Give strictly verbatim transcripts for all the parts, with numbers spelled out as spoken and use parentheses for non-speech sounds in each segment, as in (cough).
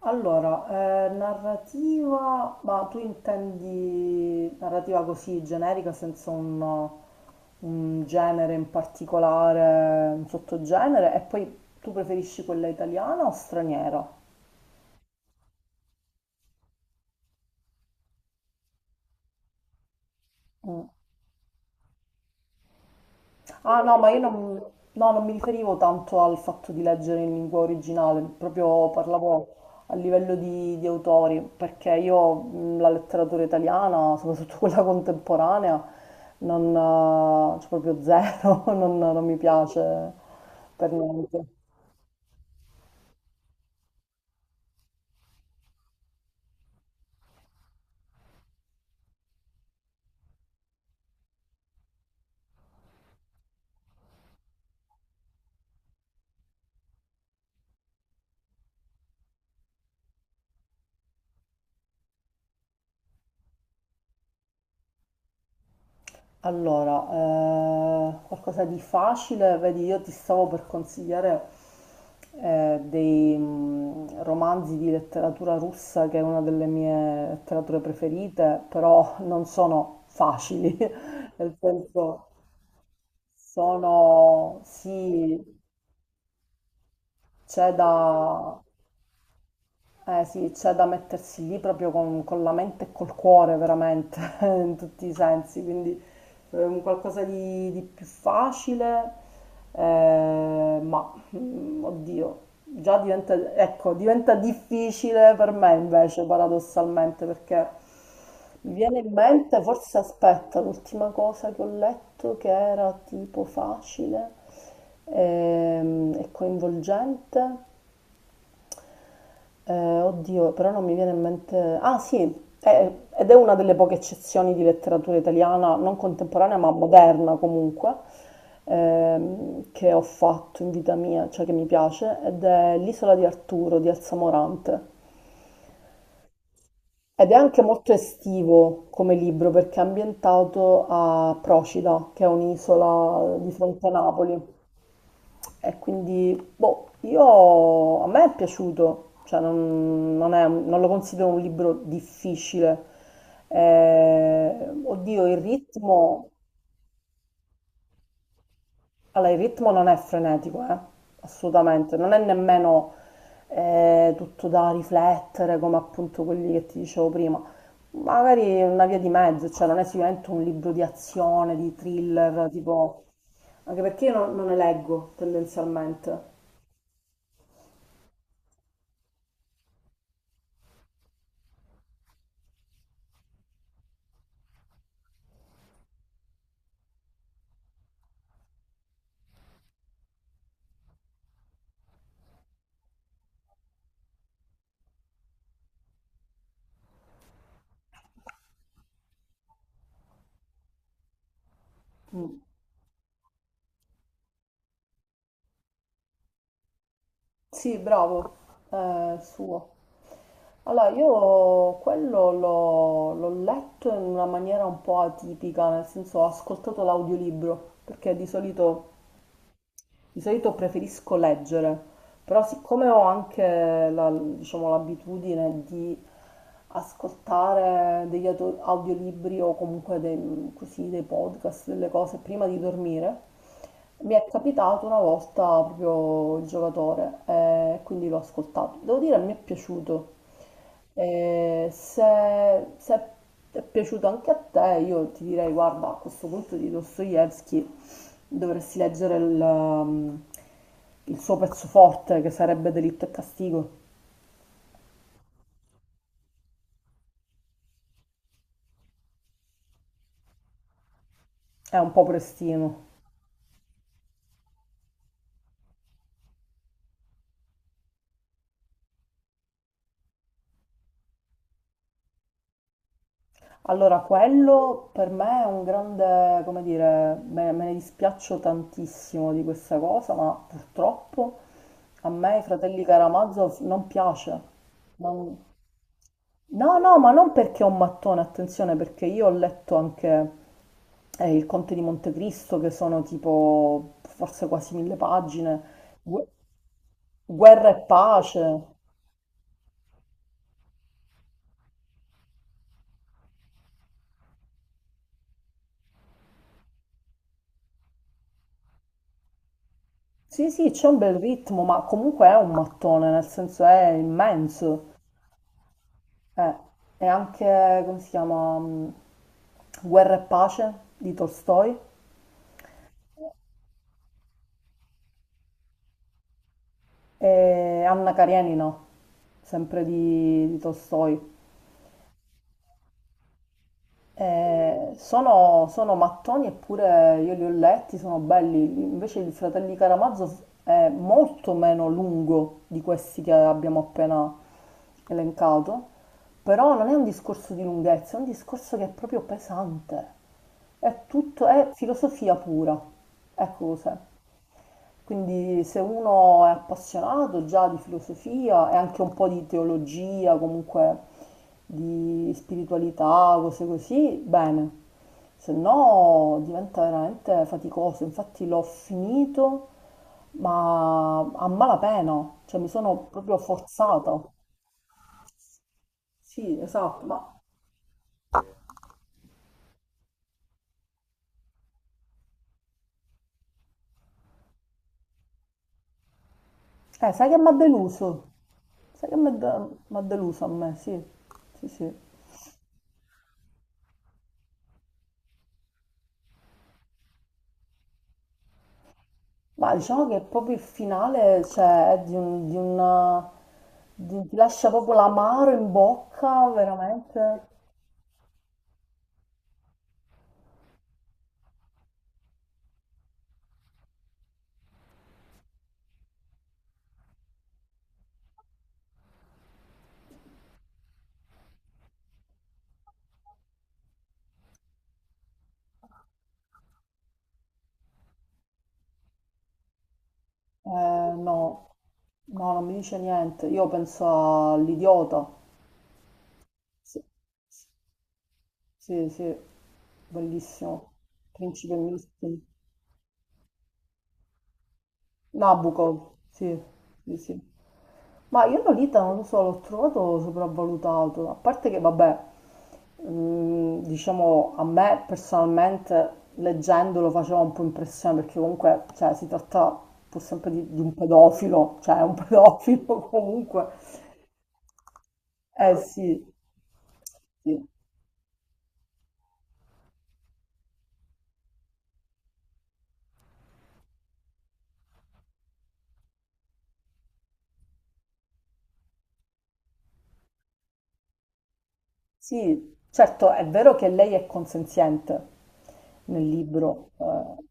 Allora, eh, narrativa, ma tu intendi narrativa così generica, senza un, un genere in particolare, un sottogenere, e poi tu preferisci quella italiana o straniera? Mm. Ah no, ma io non, no, non mi riferivo tanto al fatto di leggere in lingua originale, proprio parlavo a livello di, di autori, perché io mh, la letteratura italiana, soprattutto (laughs) quella contemporanea, non, eh, cioè proprio zero, (laughs) non non mi piace per niente. Allora, eh, qualcosa di facile, vedi, io ti stavo per consigliare eh, dei mm, romanzi di letteratura russa, che è una delle mie letterature preferite, però non sono facili, (laughs) nel senso sono, sì, c'è da, eh sì, c'è da mettersi lì proprio con, con la mente e col cuore veramente, (laughs) in tutti i sensi, quindi eh, un qualcosa di, di più facile, eh, ma mm, oddio, già diventa, ecco, diventa difficile per me invece, paradossalmente, perché mi viene in mente, forse aspetta, l'ultima cosa che ho letto che era tipo facile ehm, e coinvolgente. Eh, oddio, però non mi viene in mente. Ah sì, è- ed è una delle poche eccezioni di letteratura italiana, non contemporanea ma moderna comunque, ehm, che ho fatto in vita mia, cioè che mi piace, ed è L'isola di Arturo di Elsa Morante. Ed è anche molto estivo come libro perché è ambientato a Procida, che è un'isola di fronte a Napoli. E quindi, boh, io, a me è piaciuto, cioè non, non è un- non lo considero un libro difficile. Eh, oddio, il ritmo, allora, il ritmo non è frenetico, eh, assolutamente, non è nemmeno eh, tutto da riflettere come appunto quelli che ti dicevo prima. Magari è una via di mezzo, cioè non è sicuramente un libro di azione, di thriller, tipo, anche perché io non, non ne leggo tendenzialmente. Mm. Sì, bravo, eh, suo. Allora, io quello l'ho l'ho letto in una maniera un po' atipica, nel senso ho ascoltato l'audiolibro, perché di solito, di solito preferisco leggere, però siccome ho anche la- diciamo, l'abitudine di ascoltare degli auto- audiolibri o comunque dei, così, dei podcast, delle cose prima di dormire, mi è capitato una volta proprio il giocatore e quindi l'ho ascoltato. Devo dire, mi è piaciuto. E se, se è piaciuto anche a te, io ti direi, guarda, a questo punto di Dostoevsky dovresti leggere il, um, il suo pezzo forte, che sarebbe Delitto e castigo, è un po' prestino. Allora, quello per me è un grande, come dire, me, me ne dispiaccio tantissimo di questa cosa, ma purtroppo a me i fratelli Karamazov non piace. Non- No, no, ma non perché è un mattone, attenzione, perché io ho letto anche eh, Il Conte di Montecristo, che sono tipo forse quasi mille pagine. Gu- Guerra e Pace. Sì, sì, c'è un bel ritmo, ma comunque è un mattone, nel senso è immenso. Eh, è anche, come si chiama, mh, Guerra e pace di Tolstoi e Anna Karenina, sempre di, di Tolstoi. Eh, sono, sono mattoni eppure io li ho letti, sono belli. Invece il Fratelli Caramazzo è molto meno lungo di questi che abbiamo appena elencato, però non è un discorso di lunghezza, è un discorso che è proprio pesante. È tutto, è filosofia pura. Ecco cos'è. Quindi se uno è appassionato già di filosofia e anche un po' di teologia, comunque di spiritualità, cose così, bene. Se no diventa veramente faticoso. Infatti l'ho finito, ma a malapena, cioè mi sono proprio forzata. Sì, esatto, ma eh, sai che mi ha deluso? Sai che mi ha de- mi ha deluso a me, sì, sì, sì. Ma diciamo che proprio il finale, cioè, è di un, di una- di- ti lascia proprio l'amaro in bocca, veramente. Eh, no, no, non mi dice niente. Io penso all'idiota. Sì, sì, sì, bellissimo. Principe Mistino. Nabucco, sì, sì, sì. Ma io Lolita non lo so, l'ho trovato sopravvalutato, a parte che vabbè, mm, diciamo a me personalmente leggendolo faceva un po' impressione perché comunque cioè, si tratta pur sempre di, di un pedofilo, cioè è un pedofilo (laughs) comunque. Eh sì, sì, sì, certo è vero che lei è consenziente nel libro, eh.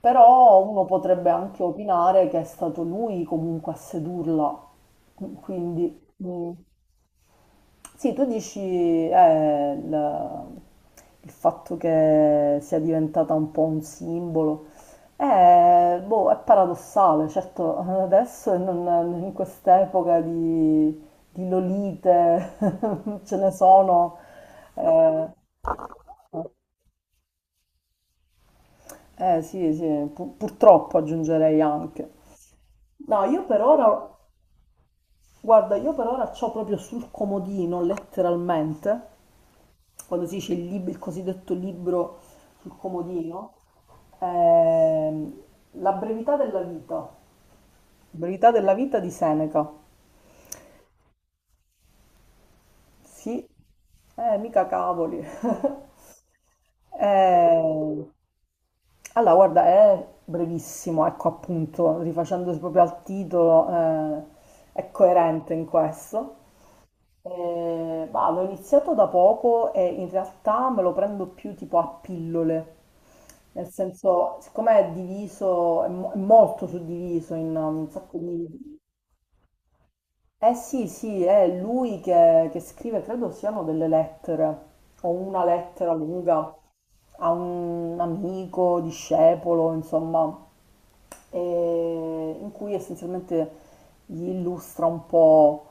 Però uno potrebbe anche opinare che è stato lui comunque a sedurla. Qu- quindi mm, sì, tu dici eh, il, il fatto che sia diventata un po' un simbolo. Eh, boh, è paradossale, certo (laughs) adesso e non- in quest'epoca di, di lolite (laughs) ce ne sono, eh, eh sì, sì, pu- purtroppo aggiungerei anche. No, io per ora. Guarda, io per ora c'ho proprio sul comodino, letteralmente, quando si dice il, lib- il cosiddetto libro sul comodino, ehm, La brevità della vita, brevità della vita di Seneca. Sì, eh, mica cavoli. (laughs) Eh, allora, guarda, è brevissimo, ecco appunto, rifacendosi proprio al titolo, eh, è coerente in questo. Eh, bah, l'ho iniziato da poco e in realtà me lo prendo più tipo a pillole, nel senso, siccome è diviso, è, mo- è molto suddiviso in um, un sacco di eh sì, sì, è lui che, che scrive, credo siano delle lettere, o una lettera lunga a un amico, discepolo, insomma, e in cui essenzialmente gli illustra un po'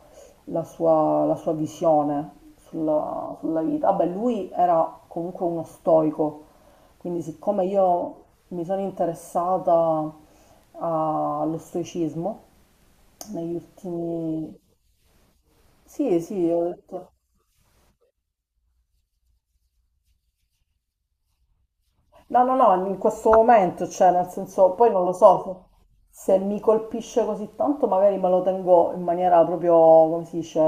la sua, la sua visione sulla, sulla vita. Vabbè, lui era comunque uno stoico, quindi siccome io mi sono interessata a- allo stoicismo negli ultimi sì, sì, ho detto. No, no, no, in questo momento, cioè, nel senso, poi non lo so, se se mi colpisce così tanto, magari me lo tengo in maniera proprio, come si dice,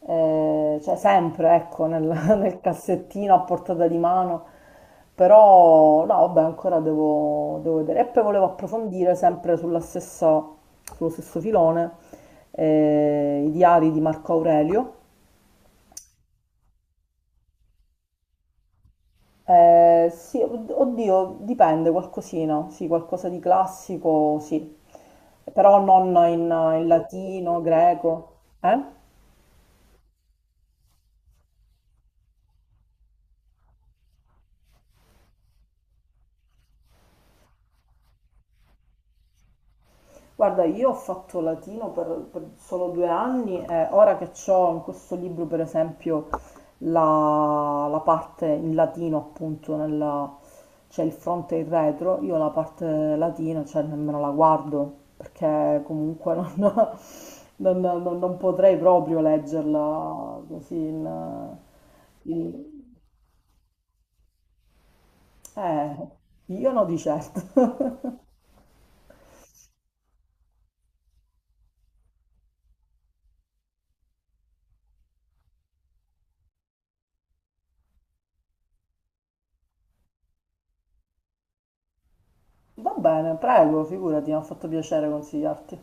eh, cioè sempre, ecco, nel, (laughs) nel cassettino a portata di mano. Però, no, vabbè, ancora devo, devo vedere. E poi volevo approfondire sempre sulla stessa, sullo stesso filone, eh, i diari di Marco Aurelio. Eh, sì, od- oddio, dipende, qualcosina, sì, qualcosa di classico, sì, però non in, in latino, greco, eh? Guarda, io ho fatto latino per, per solo due anni e ora che ho in questo libro, per esempio, la, la parte in latino, appunto, nella- c'è il fronte e il retro, io la parte latina, cioè, nemmeno la guardo, perché comunque non, (laughs) non- non- non potrei proprio leggerla così in. In. Eh, io no di certo. (laughs) Va bene, prego, figurati, mi ha fatto piacere consigliarti.